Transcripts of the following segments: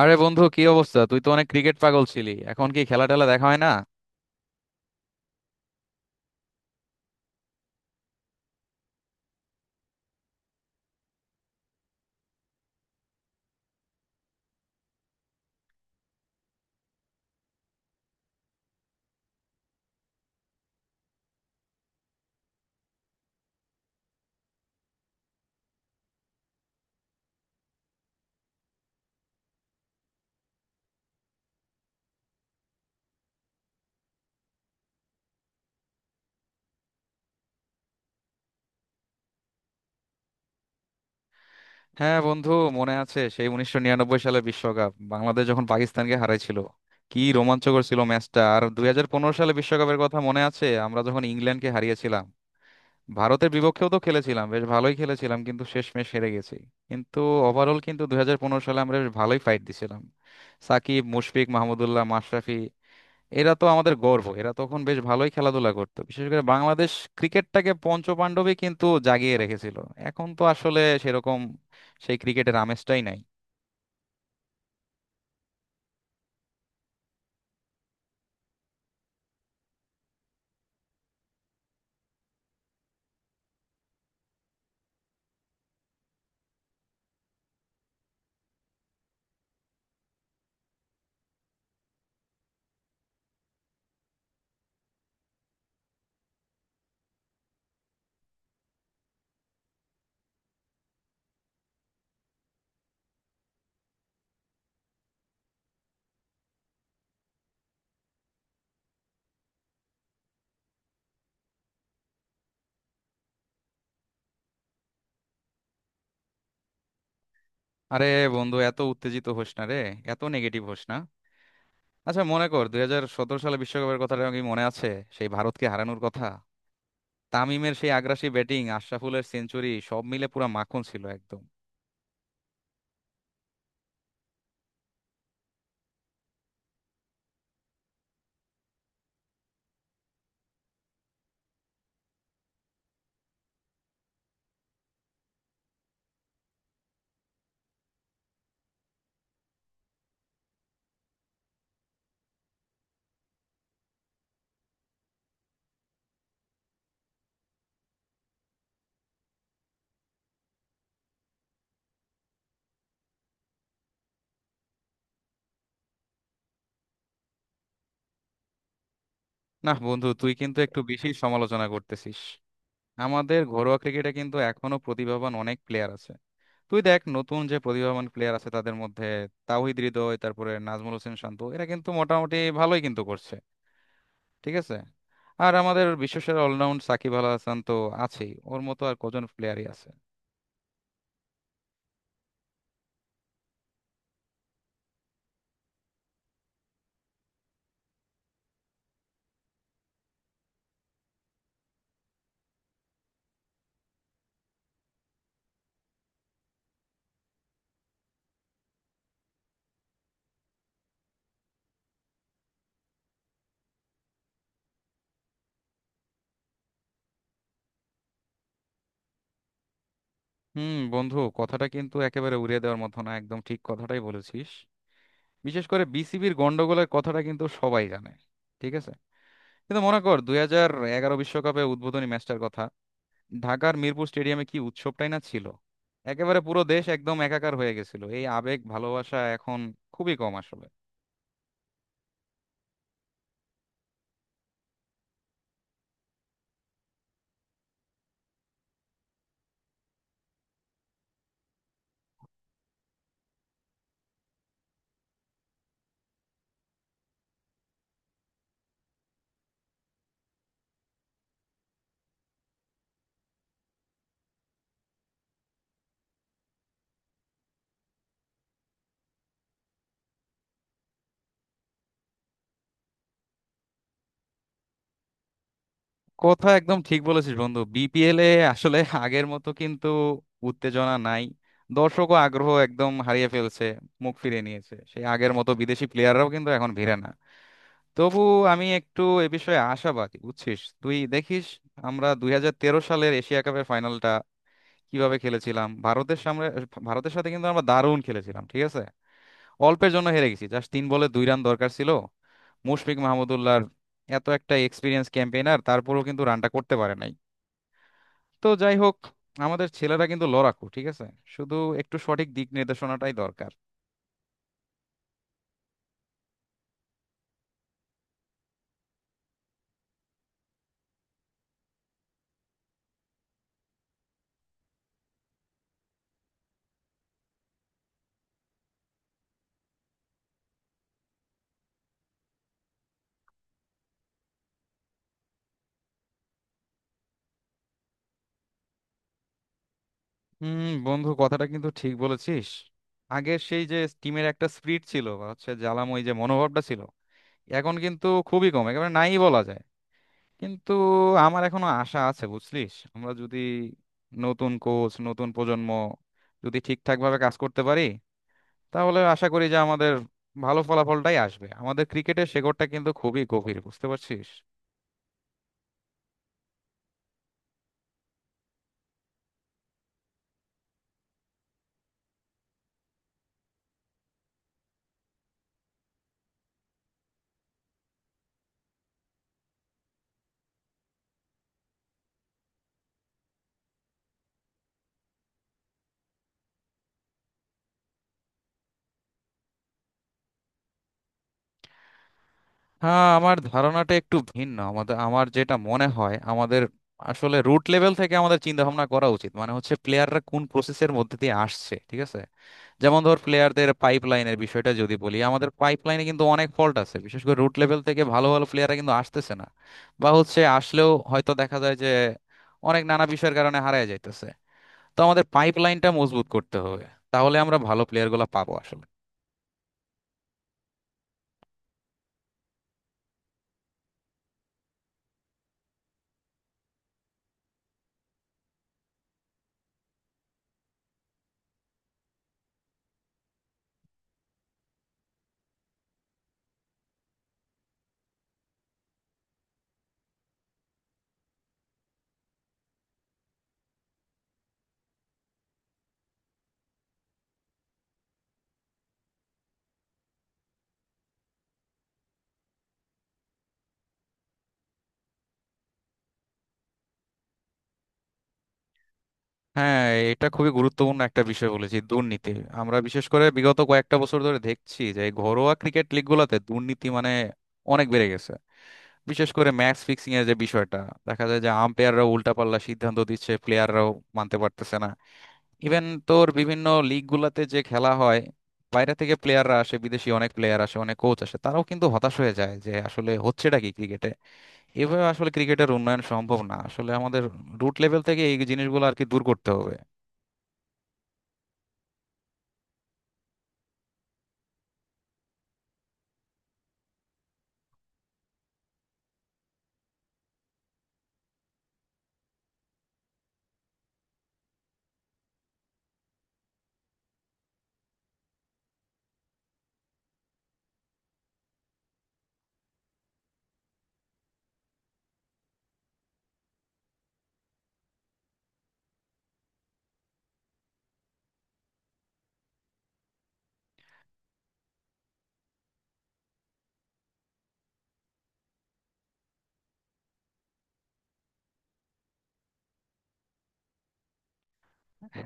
আরে বন্ধু, কি অবস্থা? তুই তো অনেক ক্রিকেট পাগল ছিলি, এখন কি খেলা টেলা দেখা হয় না? হ্যাঁ বন্ধু, মনে আছে সেই 1999 সালে বিশ্বকাপ বাংলাদেশ যখন পাকিস্তানকে হারাইছিল? কি রোমাঞ্চকর ছিল ম্যাচটা! আর 2015 সালে বিশ্বকাপের কথা মনে আছে, আমরা যখন ইংল্যান্ডকে হারিয়েছিলাম? ভারতের বিপক্ষেও তো খেলেছিলাম, বেশ ভালোই খেলেছিলাম, কিন্তু শেষমেশ হেরে গেছি। কিন্তু ওভারঅল কিন্তু 2015 সালে আমরা বেশ ভালোই ফাইট দিছিলাম। সাকিব, মুশফিক, মাহমুদুল্লাহ, মাশরাফি, এরা তো আমাদের গর্ব। এরা তখন বেশ ভালোই খেলাধুলা করতো। বিশেষ করে বাংলাদেশ ক্রিকেটটাকে পঞ্চপাণ্ডবই কিন্তু জাগিয়ে রেখেছিল। এখন তো আসলে সেরকম সেই ক্রিকেটের আমেজটাই নাই। আরে বন্ধু, এত উত্তেজিত হোস না রে, এত নেগেটিভ হোস না। আচ্ছা মনে কর 2017 সালে বিশ্বকাপের কথাটা কি মনে আছে? সেই ভারতকে হারানোর কথা, তামিমের সেই আগ্রাসী ব্যাটিং, আশরাফুলের সেঞ্চুরি, সব মিলে পুরো মাখন ছিল একদম। না বন্ধু, তুই কিন্তু একটু বেশি সমালোচনা করতেছিস। আমাদের ঘরোয়া ক্রিকেটে কিন্তু এখনো প্রতিভাবান অনেক প্লেয়ার আছে। তুই দেখ নতুন যে প্রতিভাবান প্লেয়ার আছে তাদের মধ্যে তাওহিদ হৃদয়, তারপরে নাজমুল হোসেন শান্ত, এরা কিন্তু মোটামুটি ভালোই কিন্তু করছে, ঠিক আছে? আর আমাদের বিশ্বসেরা অলরাউন্ড সাকিব আল হাসান তো আছেই, ওর মতো আর কজন প্লেয়ারই আছে। হুম বন্ধু, কথাটা কিন্তু একেবারে উড়িয়ে দেওয়ার মতো না, একদম ঠিক কথাটাই বলেছিস। বিশেষ করে বিসিবির গন্ডগোলের কথাটা কিন্তু সবাই জানে, ঠিক আছে। কিন্তু মনে কর 2011 বিশ্বকাপে উদ্বোধনী ম্যাচটার কথা। ঢাকার মিরপুর স্টেডিয়ামে কি উৎসবটাই না ছিল! একেবারে পুরো দেশ একদম একাকার হয়ে গেছিল। এই আবেগ ভালোবাসা এখন খুবই কম আসলে। কথা একদম ঠিক বলেছিস বন্ধু, বিপিএল এ আসলে আগের মতো কিন্তু উত্তেজনা নাই। দর্শক ও আগ্রহ একদম হারিয়ে ফেলছে, মুখ ফিরিয়ে নিয়েছে। সেই আগের মতো বিদেশি প্লেয়াররাও কিন্তু এখন ভিড়ে না। তবু আমি একটু এ বিষয়ে আশাবাদী, বুঝছিস। তুই দেখিস, আমরা 2013 সালের এশিয়া কাপের ফাইনালটা কিভাবে খেলেছিলাম ভারতের সামনে। ভারতের সাথে কিন্তু আমরা দারুণ খেলেছিলাম, ঠিক আছে? অল্পের জন্য হেরে গেছি, জাস্ট 3 বলে 2 রান দরকার ছিল। মুশফিক মাহমুদুল্লাহর এত একটা এক্সপিরিয়েন্স ক্যাম্পেইনার, তারপরেও কিন্তু রানটা করতে পারে নাই। তো যাই হোক, আমাদের ছেলেরা কিন্তু লড়াকু, ঠিক আছে? শুধু একটু সঠিক দিক নির্দেশনাটাই দরকার। হুম বন্ধু, কথাটা কিন্তু ঠিক বলেছিস। আগের সেই যে টিমের একটা স্পিরিট ছিল বা হচ্ছে জ্বালাময় যে মনোভাবটা ছিল, এখন কিন্তু খুবই কম, একেবারে নাই বলা যায়। কিন্তু আমার এখনো আশা আছে, বুঝলিস। আমরা যদি নতুন কোচ, নতুন প্রজন্ম যদি ঠিকঠাক ভাবে কাজ করতে পারি, তাহলে আশা করি যে আমাদের ভালো ফলাফলটাই আসবে। আমাদের ক্রিকেটের শেকড়টা কিন্তু খুবই গভীর, বুঝতে পারছিস। হ্যাঁ, আমার ধারণাটা একটু ভিন্ন। আমাদের আমার যেটা মনে হয়, আমাদের আসলে রুট লেভেল থেকে আমাদের চিন্তা ভাবনা করা উচিত। মানে হচ্ছে প্লেয়াররা কোন প্রসেসের মধ্যে দিয়ে আসছে, ঠিক আছে? যেমন ধর, প্লেয়ারদের পাইপ লাইনের বিষয়টা যদি বলি, আমাদের পাইপ লাইনে কিন্তু অনেক ফল্ট আছে। বিশেষ করে রুট লেভেল থেকে ভালো ভালো প্লেয়াররা কিন্তু আসতেছে না। বা হচ্ছে আসলেও হয়তো দেখা যায় যে অনেক নানা বিষয়ের কারণে হারায় যাইতেছে। তো আমাদের পাইপ লাইনটা মজবুত করতে হবে, তাহলে আমরা ভালো প্লেয়ারগুলো পাবো আসলে। হ্যাঁ, এটা খুবই গুরুত্বপূর্ণ একটা বিষয় বলেছি, দুর্নীতি। আমরা বিশেষ করে বিগত কয়েকটা বছর ধরে দেখছি যে এই ঘরোয়া ক্রিকেট লিগগুলোতে দুর্নীতি মানে অনেক বেড়ে গেছে। বিশেষ করে ম্যাচ ফিক্সিং এর যে বিষয়টা, দেখা যায় যে আম্পায়াররা উল্টাপাল্টা সিদ্ধান্ত দিচ্ছে, প্লেয়াররাও মানতে পারতেছে না। ইভেন তোর বিভিন্ন লিগ গুলাতে যে খেলা হয়, বাইরে থেকে প্লেয়াররা আসে, বিদেশি অনেক প্লেয়ার আসে, অনেক কোচ আসে, তারাও কিন্তু হতাশ হয়ে যায় যে আসলে হচ্ছেটা কি ক্রিকেটে। এভাবে আসলে ক্রিকেটের উন্নয়ন সম্ভব না, আসলে আমাদের রুট লেভেল থেকে এই জিনিসগুলো আর কি দূর করতে হবে।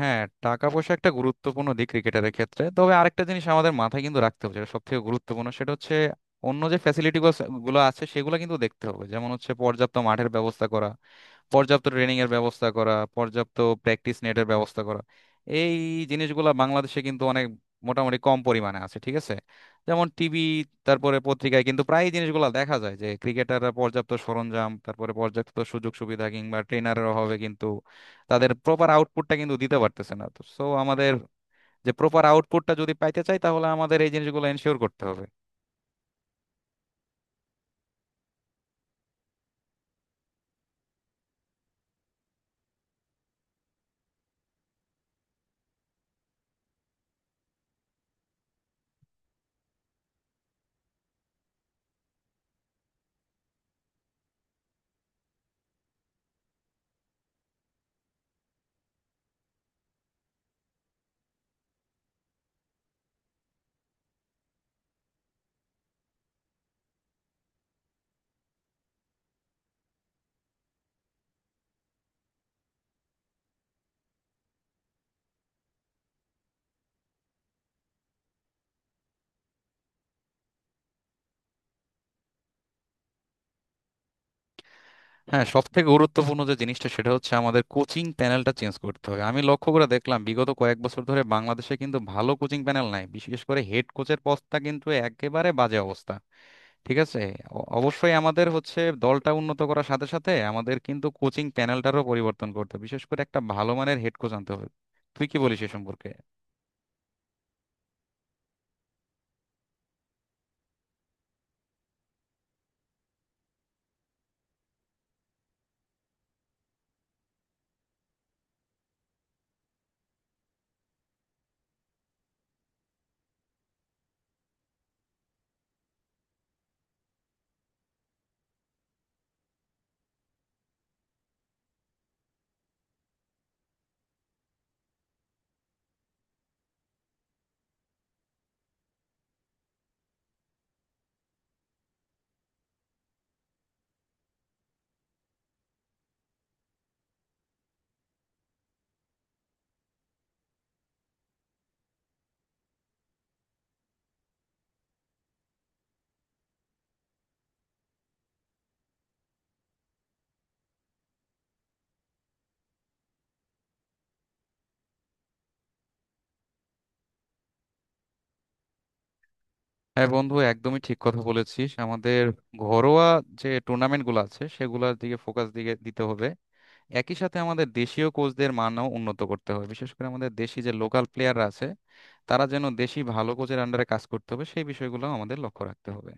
হ্যাঁ, টাকা পয়সা একটা গুরুত্বপূর্ণ দিক ক্রিকেটারের ক্ষেত্রে, তবে আরেকটা জিনিস আমাদের মাথায় কিন্তু রাখতে হবে যেটা সব থেকে গুরুত্বপূর্ণ, সেটা হচ্ছে অন্য যে ফ্যাসিলিটি গুলো আছে সেগুলো কিন্তু দেখতে হবে। যেমন হচ্ছে পর্যাপ্ত মাঠের ব্যবস্থা করা, পর্যাপ্ত ট্রেনিং এর ব্যবস্থা করা, পর্যাপ্ত প্র্যাকটিস নেটের ব্যবস্থা করা। এই জিনিসগুলো বাংলাদেশে কিন্তু অনেক মোটামুটি কম পরিমাণে আছে, ঠিক আছে? যেমন টিভি, তারপরে পত্রিকায় কিন্তু প্রায় এই জিনিসগুলো দেখা যায় যে ক্রিকেটাররা পর্যাপ্ত সরঞ্জাম, তারপরে পর্যাপ্ত সুযোগ সুবিধা কিংবা ট্রেনারের অভাবে কিন্তু তাদের প্রপার আউটপুটটা কিন্তু দিতে পারতেছে না। তো সো আমাদের যে প্রপার আউটপুটটা যদি পাইতে চাই, তাহলে আমাদের এই জিনিসগুলো এনশিওর করতে হবে। হ্যাঁ, সব থেকে গুরুত্বপূর্ণ যে জিনিসটা, সেটা হচ্ছে আমাদের কোচিং প্যানেলটা চেঞ্জ করতে হবে। আমি লক্ষ্য করে দেখলাম বিগত কয়েক বছর ধরে বাংলাদেশে কিন্তু ভালো কোচিং প্যানেল নাই, বিশেষ করে হেড কোচের পদটা কিন্তু একেবারে বাজে অবস্থা, ঠিক আছে। অবশ্যই আমাদের হচ্ছে দলটা উন্নত করার সাথে সাথে আমাদের কিন্তু কোচিং প্যানেলটারও পরিবর্তন করতে হবে, বিশেষ করে একটা ভালো মানের হেড কোচ আনতে হবে। তুই কি বলিস এ সম্পর্কে? হ্যাঁ বন্ধু, একদমই ঠিক কথা বলেছিস। আমাদের ঘরোয়া যে টুর্নামেন্টগুলো আছে সেগুলোর দিকে ফোকাস দিতে হবে। একই সাথে আমাদের দেশীয় কোচদের মানও উন্নত করতে হবে। বিশেষ করে আমাদের দেশি যে লোকাল প্লেয়াররা আছে, তারা যেন দেশি ভালো কোচের আন্ডারে কাজ করতে হবে, সেই বিষয়গুলো আমাদের লক্ষ্য রাখতে হবে।